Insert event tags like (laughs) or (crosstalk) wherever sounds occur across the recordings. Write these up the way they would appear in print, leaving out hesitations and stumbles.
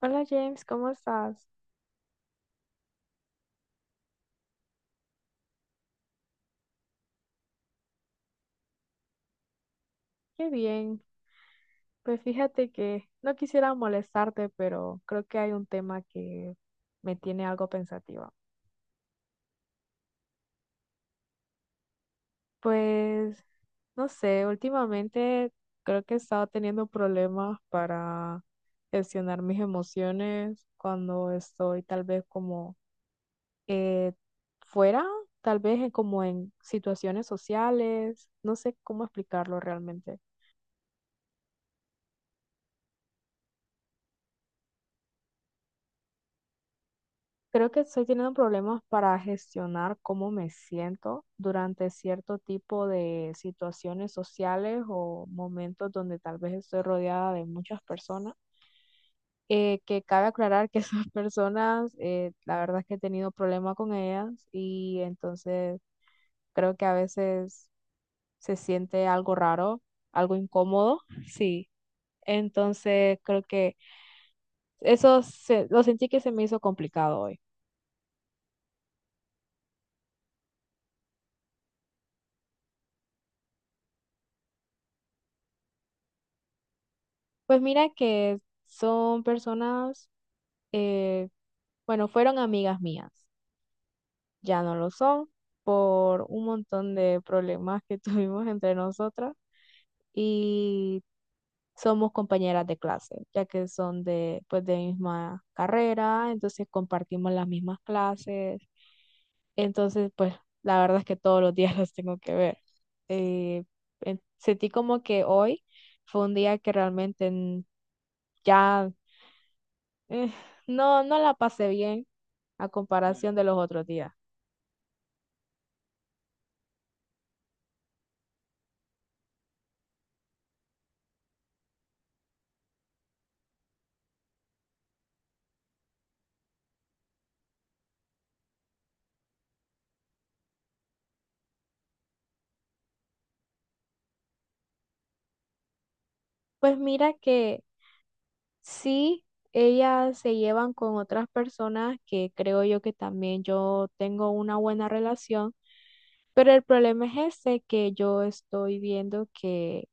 Hola James, ¿cómo estás? Qué bien. Pues fíjate que no quisiera molestarte, pero creo que hay un tema que me tiene algo pensativa. Pues no sé, últimamente creo que he estado teniendo problemas para gestionar mis emociones cuando estoy tal vez como eh, fuera, tal vez como en situaciones sociales. No sé cómo explicarlo realmente. Creo que estoy teniendo problemas para gestionar cómo me siento durante cierto tipo de situaciones sociales o momentos donde tal vez estoy rodeada de muchas personas. Que cabe aclarar que (laughs) esas personas, la verdad es que he tenido problemas con ellas y entonces creo que a veces se siente algo raro, algo incómodo, (laughs) sí. Entonces creo que eso lo sentí que se me hizo complicado hoy. Pues mira que son personas eh, bueno, fueron amigas mías, ya no lo son por un montón de problemas que (laughs) tuvimos entre nosotras y somos compañeras de clase, ya que son de, pues, de misma carrera, entonces compartimos las mismas clases, entonces pues la verdad es que todos los días (laughs) las tengo que ver. Eh, Sentí como que hoy fue un día que realmente ya, eh, no la pasé bien a comparación de los otros días. Pues mira que sí, ellas se llevan con otras personas que creo yo que también yo tengo una buena relación, pero el problema es ese que yo estoy viendo que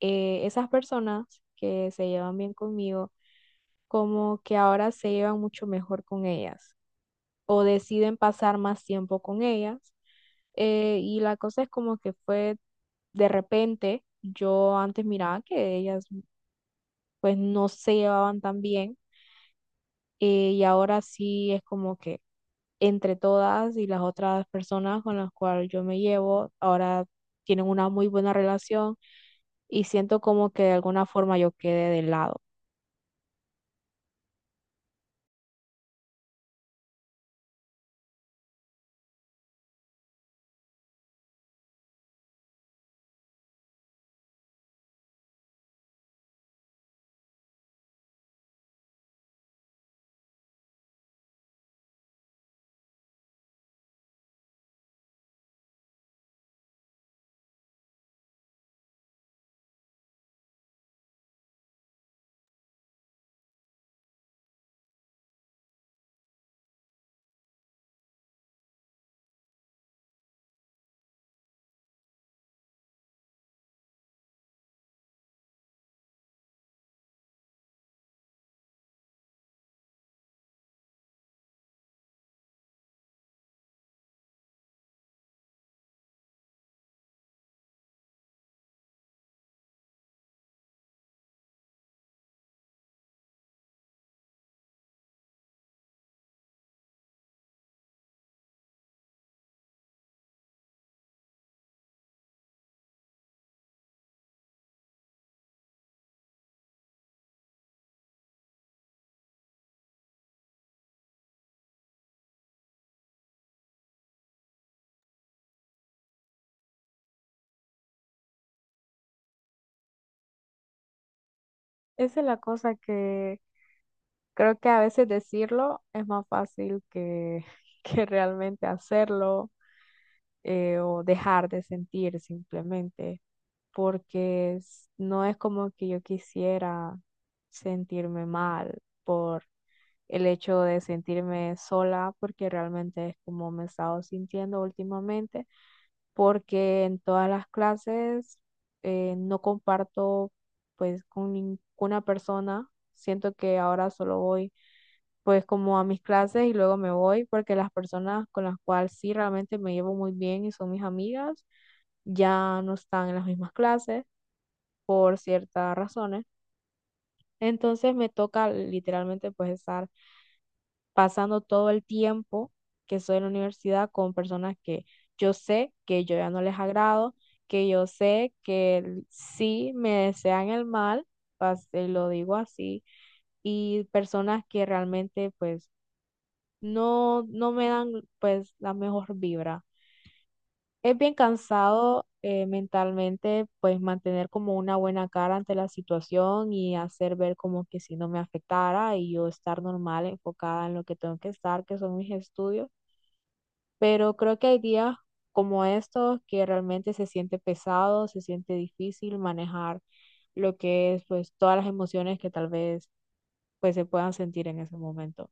esas personas que se llevan bien conmigo, como que ahora se llevan mucho mejor con ellas o deciden pasar más tiempo con ellas. Y la cosa es como que fue de repente, yo antes miraba que ellas pues no se llevaban tan bien, y ahora sí es como que entre todas y las otras personas con las cuales yo me llevo, ahora tienen una muy buena relación y siento como que de alguna forma yo quedé de lado. Esa es la cosa que creo que a veces decirlo es más fácil que, (laughs) que realmente hacerlo, o dejar de sentir simplemente, porque no es como que yo quisiera sentirme mal por el hecho de sentirme sola, porque realmente es como me he estado sintiendo últimamente, porque en todas las clases no comparto pues con ninguna persona. Siento que ahora solo voy pues como a mis clases y luego me voy porque las personas con las cuales sí realmente me llevo muy bien y son mis amigas ya no están en las mismas clases por ciertas razones. Entonces me toca literalmente pues estar pasando todo el tiempo que soy en la universidad con personas que yo sé que yo ya no les agrado, que yo sé que sí me desean el mal, lo digo así, y personas que realmente pues no me dan pues la mejor vibra. Es bien cansado, mentalmente pues mantener como una buena cara ante la situación y hacer ver como que si no me afectara y yo estar normal, enfocada en lo que tengo que estar, que son mis estudios, pero creo que hay días como estos que realmente se siente pesado, se siente difícil manejar lo que es pues todas las emociones que tal vez pues se puedan sentir en ese momento.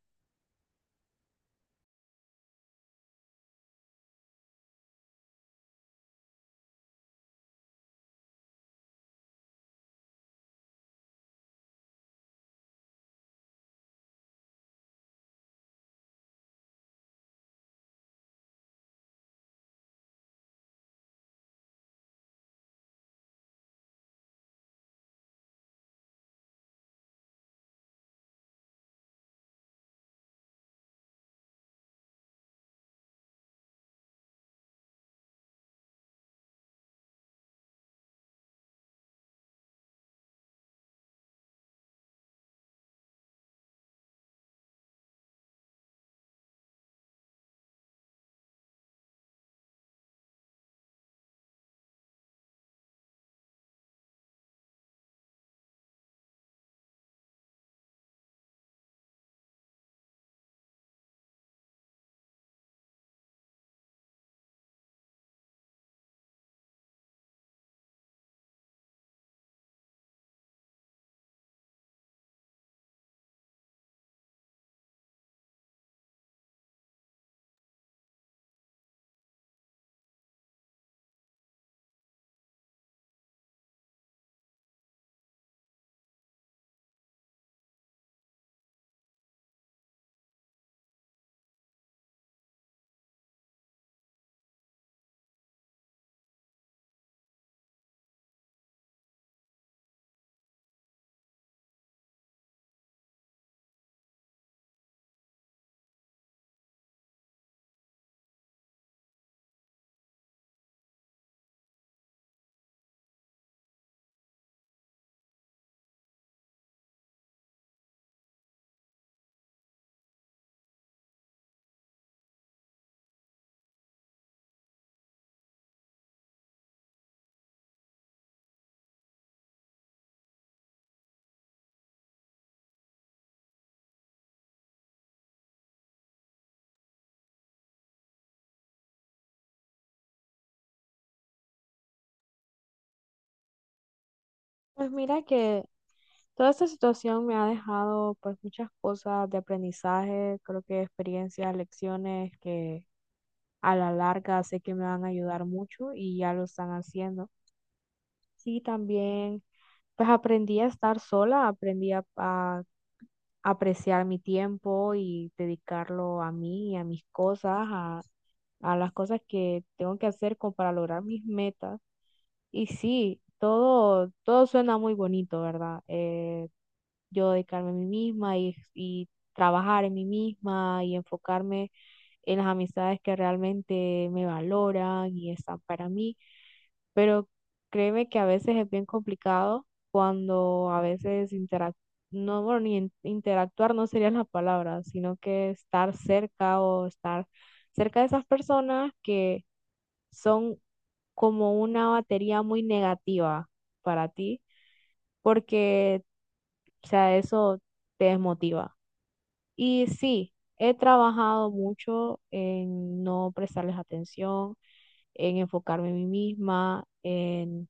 Pues mira que toda esta situación me ha dejado pues muchas cosas de aprendizaje, creo que experiencias, lecciones que a la larga sé que me van a ayudar mucho y ya lo están haciendo. Sí, también pues aprendí a estar sola, aprendí a apreciar mi tiempo y dedicarlo a mí y a mis cosas, a las cosas que tengo que hacer como para lograr mis metas. Y sí, todo, todo suena muy bonito, ¿verdad? Yo dedicarme a mí misma y trabajar en mí misma y enfocarme en las amistades que realmente me valoran y están para mí, pero créeme que a veces es bien complicado cuando a veces interac no, bueno, ni interactuar no sería la palabra, sino que estar cerca o estar cerca de esas personas que son como una batería muy negativa para ti, porque, o sea, eso te desmotiva. Y sí, he trabajado mucho en no prestarles atención, en enfocarme en mí misma, en...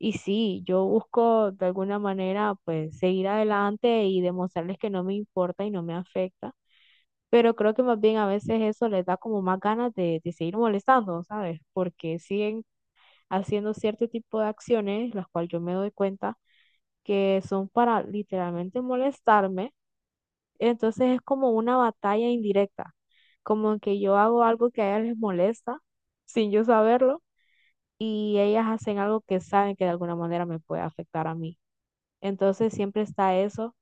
Y sí, yo busco de alguna manera pues seguir adelante y demostrarles que no me importa y no me afecta, pero creo que más bien a veces eso les da como más ganas de seguir molestando, ¿sabes? Porque siguen haciendo cierto tipo de acciones, las cuales yo me doy cuenta que son para literalmente molestarme, entonces es como una batalla indirecta, como que yo hago algo que a ellas les molesta sin yo saberlo y ellas hacen algo que saben que de alguna manera me puede afectar a mí. Entonces siempre está eso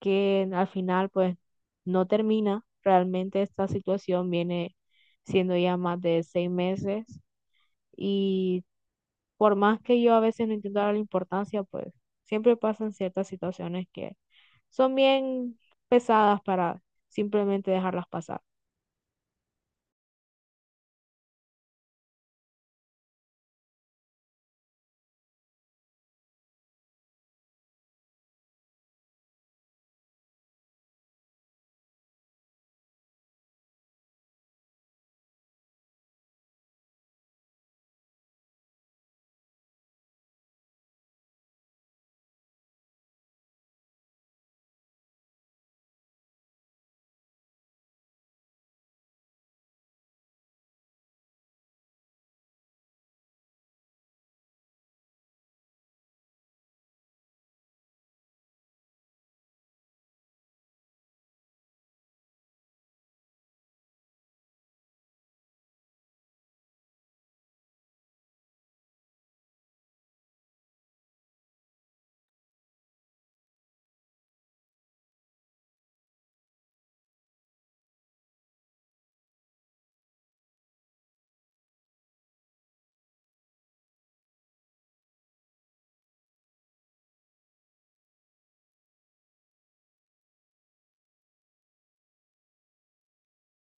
que al final pues no termina. Realmente esta situación viene siendo ya más de 6 meses y por más que yo a veces no intento darle importancia, pues siempre pasan ciertas situaciones que son bien pesadas para simplemente dejarlas pasar.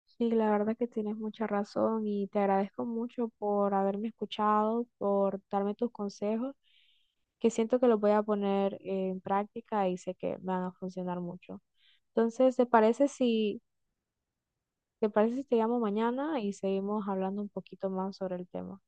Sí, la verdad que tienes mucha razón y te agradezco mucho por haberme escuchado, por darme tus consejos, que siento que los voy a poner en práctica y sé que me van a funcionar mucho. Entonces, ¿te parece si, te parece si te llamo mañana y seguimos hablando un poquito más sobre el tema?